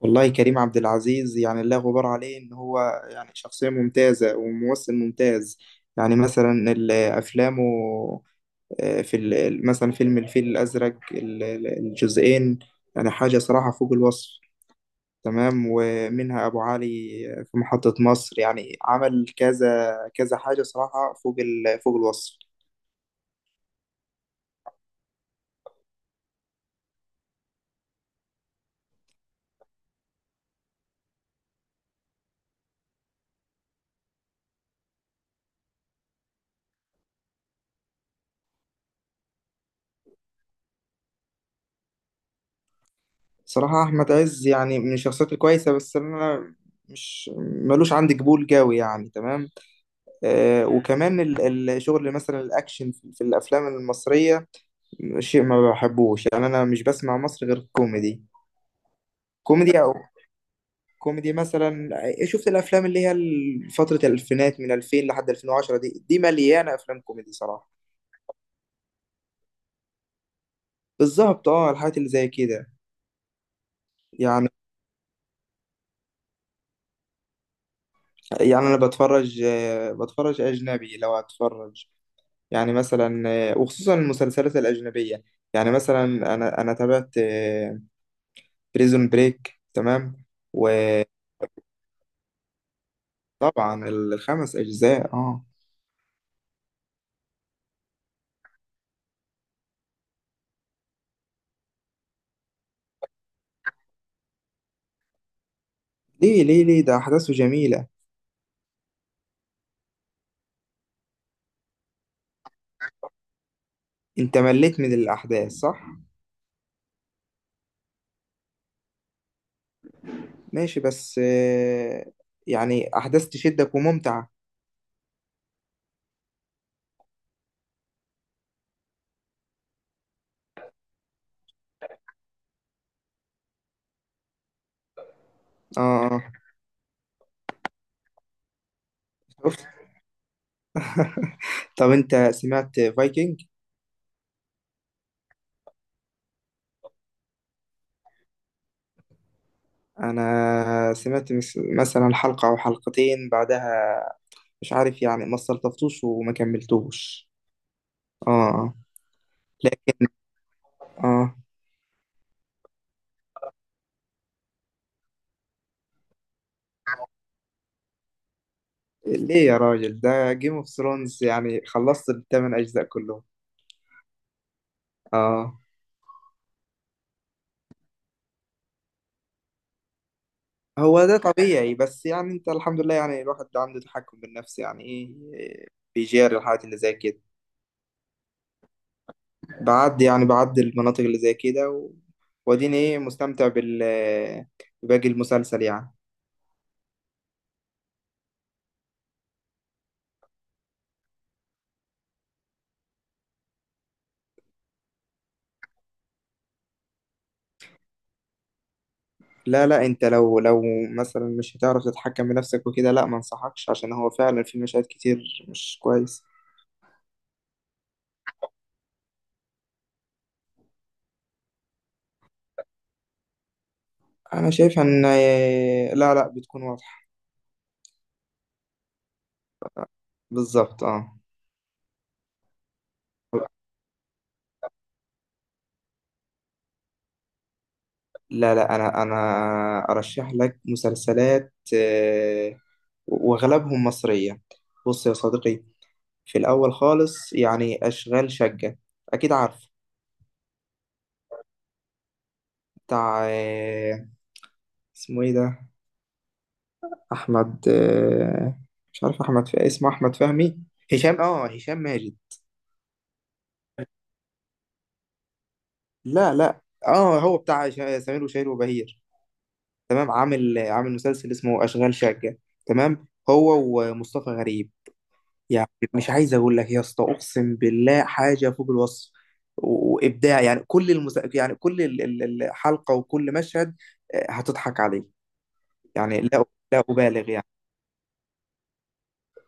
والله كريم عبد العزيز يعني لا غبار عليه ان هو يعني شخصية ممتازة وممثل ممتاز. يعني مثلا افلامه. في مثلا فيلم الفيل الازرق الجزئين، يعني حاجة صراحة فوق الوصف. تمام، ومنها ابو علي في محطة مصر. يعني عمل كذا كذا حاجة صراحة فوق فوق الوصف. صراحة احمد عز يعني من الشخصيات الكويسة، بس انا مش ملوش عندي قبول قوي يعني. تمام. وكمان الشغل مثلا الأكشن في الأفلام المصرية شيء ما بحبوش. يعني أنا مش بسمع مصري غير كوميدي. كوميدي أو كوميدي مثلا. شفت الأفلام اللي هي فترة الألفينات من 2000 لحد 2010، دي مليانة أفلام كوميدي صراحة. بالظبط، اه، الحاجات اللي زي كده يعني. يعني أنا بتفرج، بتفرج أجنبي لو هتفرج. يعني مثلا، وخصوصا المسلسلات الأجنبية. يعني مثلا أنا تابعت بريزون بريك. تمام. و طبعا الخمس أجزاء، اه. ليه؟ ده أحداثه جميلة. أنت مليت من الأحداث صح؟ ماشي بس يعني أحداث تشدك وممتعة. اه. آه. شفت. طب أنت سمعت فايكنج؟ أنا سمعت مثلا حلقة أو حلقتين بعدها. مش عارف يعني، ما استلطفتوش وما كملتوش. اه. آه. لا. اه. ليه يا راجل، ده جيم اوف ثرونز، يعني خلصت الثمان أجزاء كلهم. اه، هو ده طبيعي، بس يعني انت الحمد لله، يعني الواحد عنده تحكم بالنفس. يعني ايه؟ بيجاري الحاجات اللي زي كده. بعدي يعني، بعدي المناطق اللي زي كده، واديني ايه، مستمتع بال باقي المسلسل يعني. لا لا، انت لو مثلا مش هتعرف تتحكم بنفسك وكده، لا ما انصحكش، عشان هو فعلا في مشاهد كتير مش كويس. انا شايف ان لا لا، بتكون واضحة. بالظبط، اه. لا لا، انا ارشح لك مسلسلات، واغلبهم مصرية. بص يا صديقي، في الاول خالص يعني اشغال شقة، اكيد عارف. بتاع اسمه ايه ده، احمد، مش عارف احمد، في اسمه احمد فهمي. هشام، اه هشام ماجد. لا لا. اه، هو بتاع سمير وشهير وبهير. تمام. عامل مسلسل اسمه اشغال شقة، تمام. هو ومصطفى غريب. يعني مش عايز اقول لك يا اسطى، اقسم بالله حاجه فوق الوصف وابداع يعني. كل يعني كل الحلقه وكل مشهد هتضحك عليه. يعني لا، لا ابالغ يعني.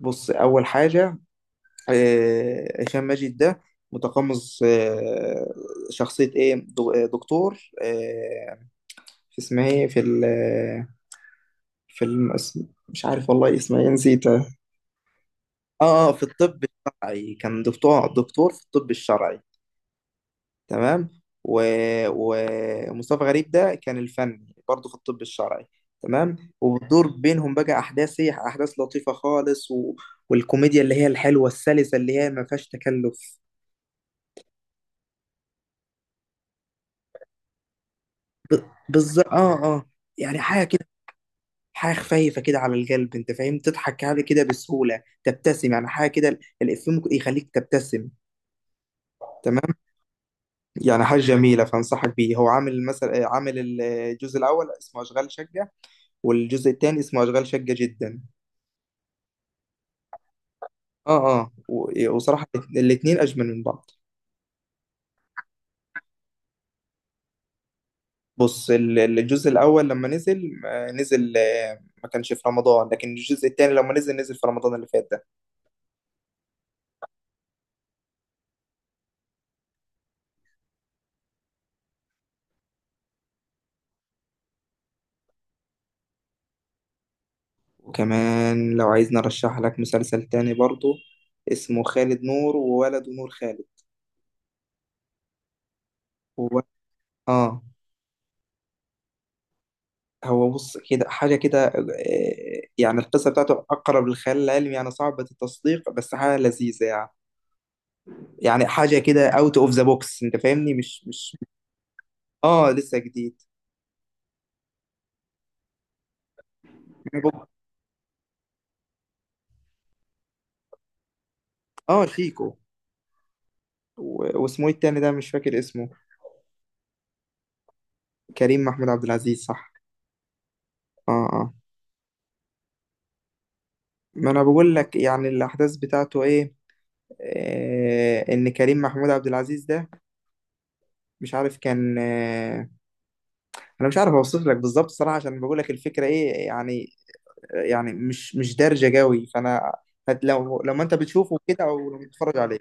بص، اول حاجه هشام ماجد ده متقمص شخصيه ايه دكتور في اسمها ايه، في ال في مش عارف والله اسمها ايه، نسيتها. اه، في الطب الشرعي كان دكتور، دكتور في الطب الشرعي. تمام ومصطفى غريب ده كان الفني برضه في الطب الشرعي. تمام. وبتدور بينهم بقى احداث، هي احداث لطيفه خالص و... والكوميديا اللي هي الحلوه السلسه اللي هي ما فيهاش تكلف. ب... بالظبط، اه، اه. يعني حاجه كده، حاجه خفيفه كده على القلب، انت فاهم، تضحك عليه كده بسهوله، تبتسم، يعني حاجه كده الافيه ممكن يخليك تبتسم. تمام. يعني حاجه جميله، فانصحك بيه. هو عامل مثلا، عامل الجزء الاول اسمه اشغال شقه، والجزء الثاني اسمه اشغال شقه جدا. اه، اه وصراحة الاتنين أجمل من بعض. بص الجزء الأول لما نزل، نزل، ما كانش في رمضان، لكن الجزء التاني لما نزل، نزل في رمضان اللي فات ده. وكمان لو عايزني أرشح لك مسلسل تاني برضو، اسمه خالد نور وولده نور خالد. هو. اه. هو بص كده، حاجة كده يعني القصة بتاعته أقرب للخيال العلمي، يعني صعبة التصديق، بس حاجة لذيذة يعني. يعني حاجة كده أوت أوف ذا بوكس، أنت فاهمني مش. اه لسه جديد. اه شيكو و... واسمه ايه التاني ده، مش فاكر اسمه. كريم محمود عبد العزيز صح. اه، اه. ما انا بقول لك يعني الاحداث بتاعته ايه. آه، ان كريم محمود عبد العزيز ده مش عارف كان آه، انا مش عارف اوصف لك بالظبط صراحة، عشان بقول لك الفكرة ايه يعني. يعني مش دارجة قوي فانا. هت، لو لما انت بتشوفه كده، او لما بتتفرج عليه.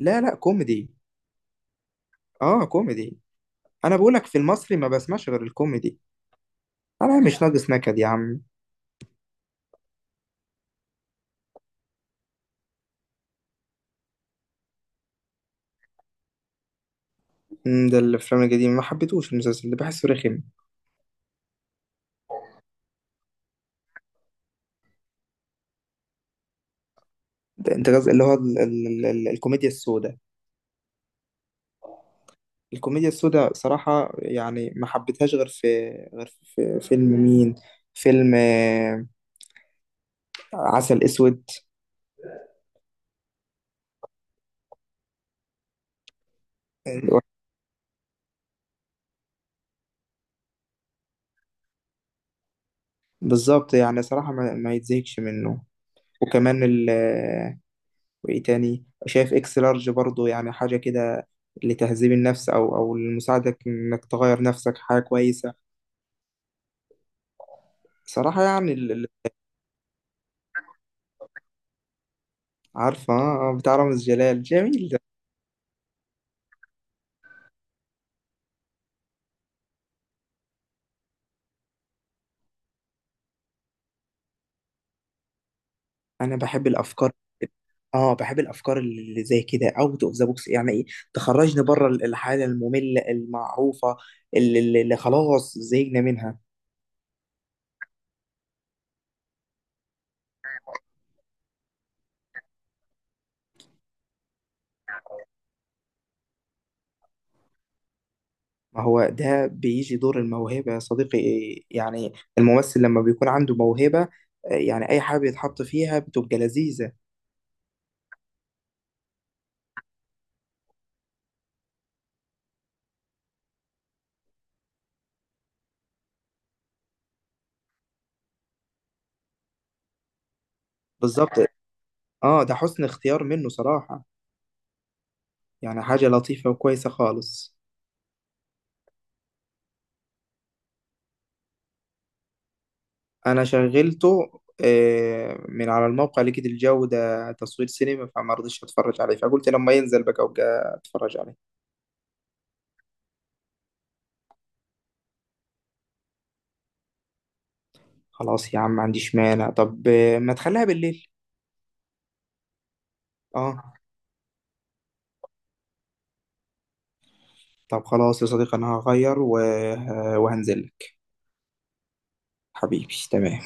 لا لا، كوميدي. اه كوميدي. انا بقول لك في المصري ما بسمعش غير الكوميدي. انا مش ناقص نكد يا عم. مم، ده الافلام القديمه ما حبيتهوش، المسلسل ده بحسه رخم. ده انت قصدي اللي هو ال ال ال ال الكوميديا السوداء. الكوميديا السوداء صراحه يعني ما حبيتهاش غير في، غير في فيلم مين، فيلم عسل اسود. بالظبط، يعني صراحه ما يتزهقش منه. وكمان ال وايه تاني، شايف اكس لارج برضه يعني حاجه كده لتهذيب النفس، او او لمساعدك انك تغير نفسك. حاجه كويسه صراحه يعني عارفه، بتاع رامز جلال جميل. انا بحب الافكار. اه، بحب الافكار اللي زي كده، اوت اوف ذا بوكس، يعني ايه، تخرجني بره الحاله الممله المعروفه اللي خلاص زهقنا منها. ما هو ده بيجي دور الموهبه يا صديقي يعني. الممثل لما بيكون عنده موهبه يعني اي حاجه بيتحط فيها بتبقى لذيذه. بالظبط، اه. ده حسن اختيار منه صراحه. يعني حاجه لطيفه وكويسه خالص. انا شغلته من على الموقع، لقيت الجو ده تصوير سينما، فما رضيتش اتفرج عليه، فقلت لما ينزل بقى ابقى اتفرج عليه. خلاص يا عم، ما عنديش مانع، طب ما تخليها بالليل. اه. طب خلاص يا صديقي، انا هغير و وهنزل لك. حبيبي تمام.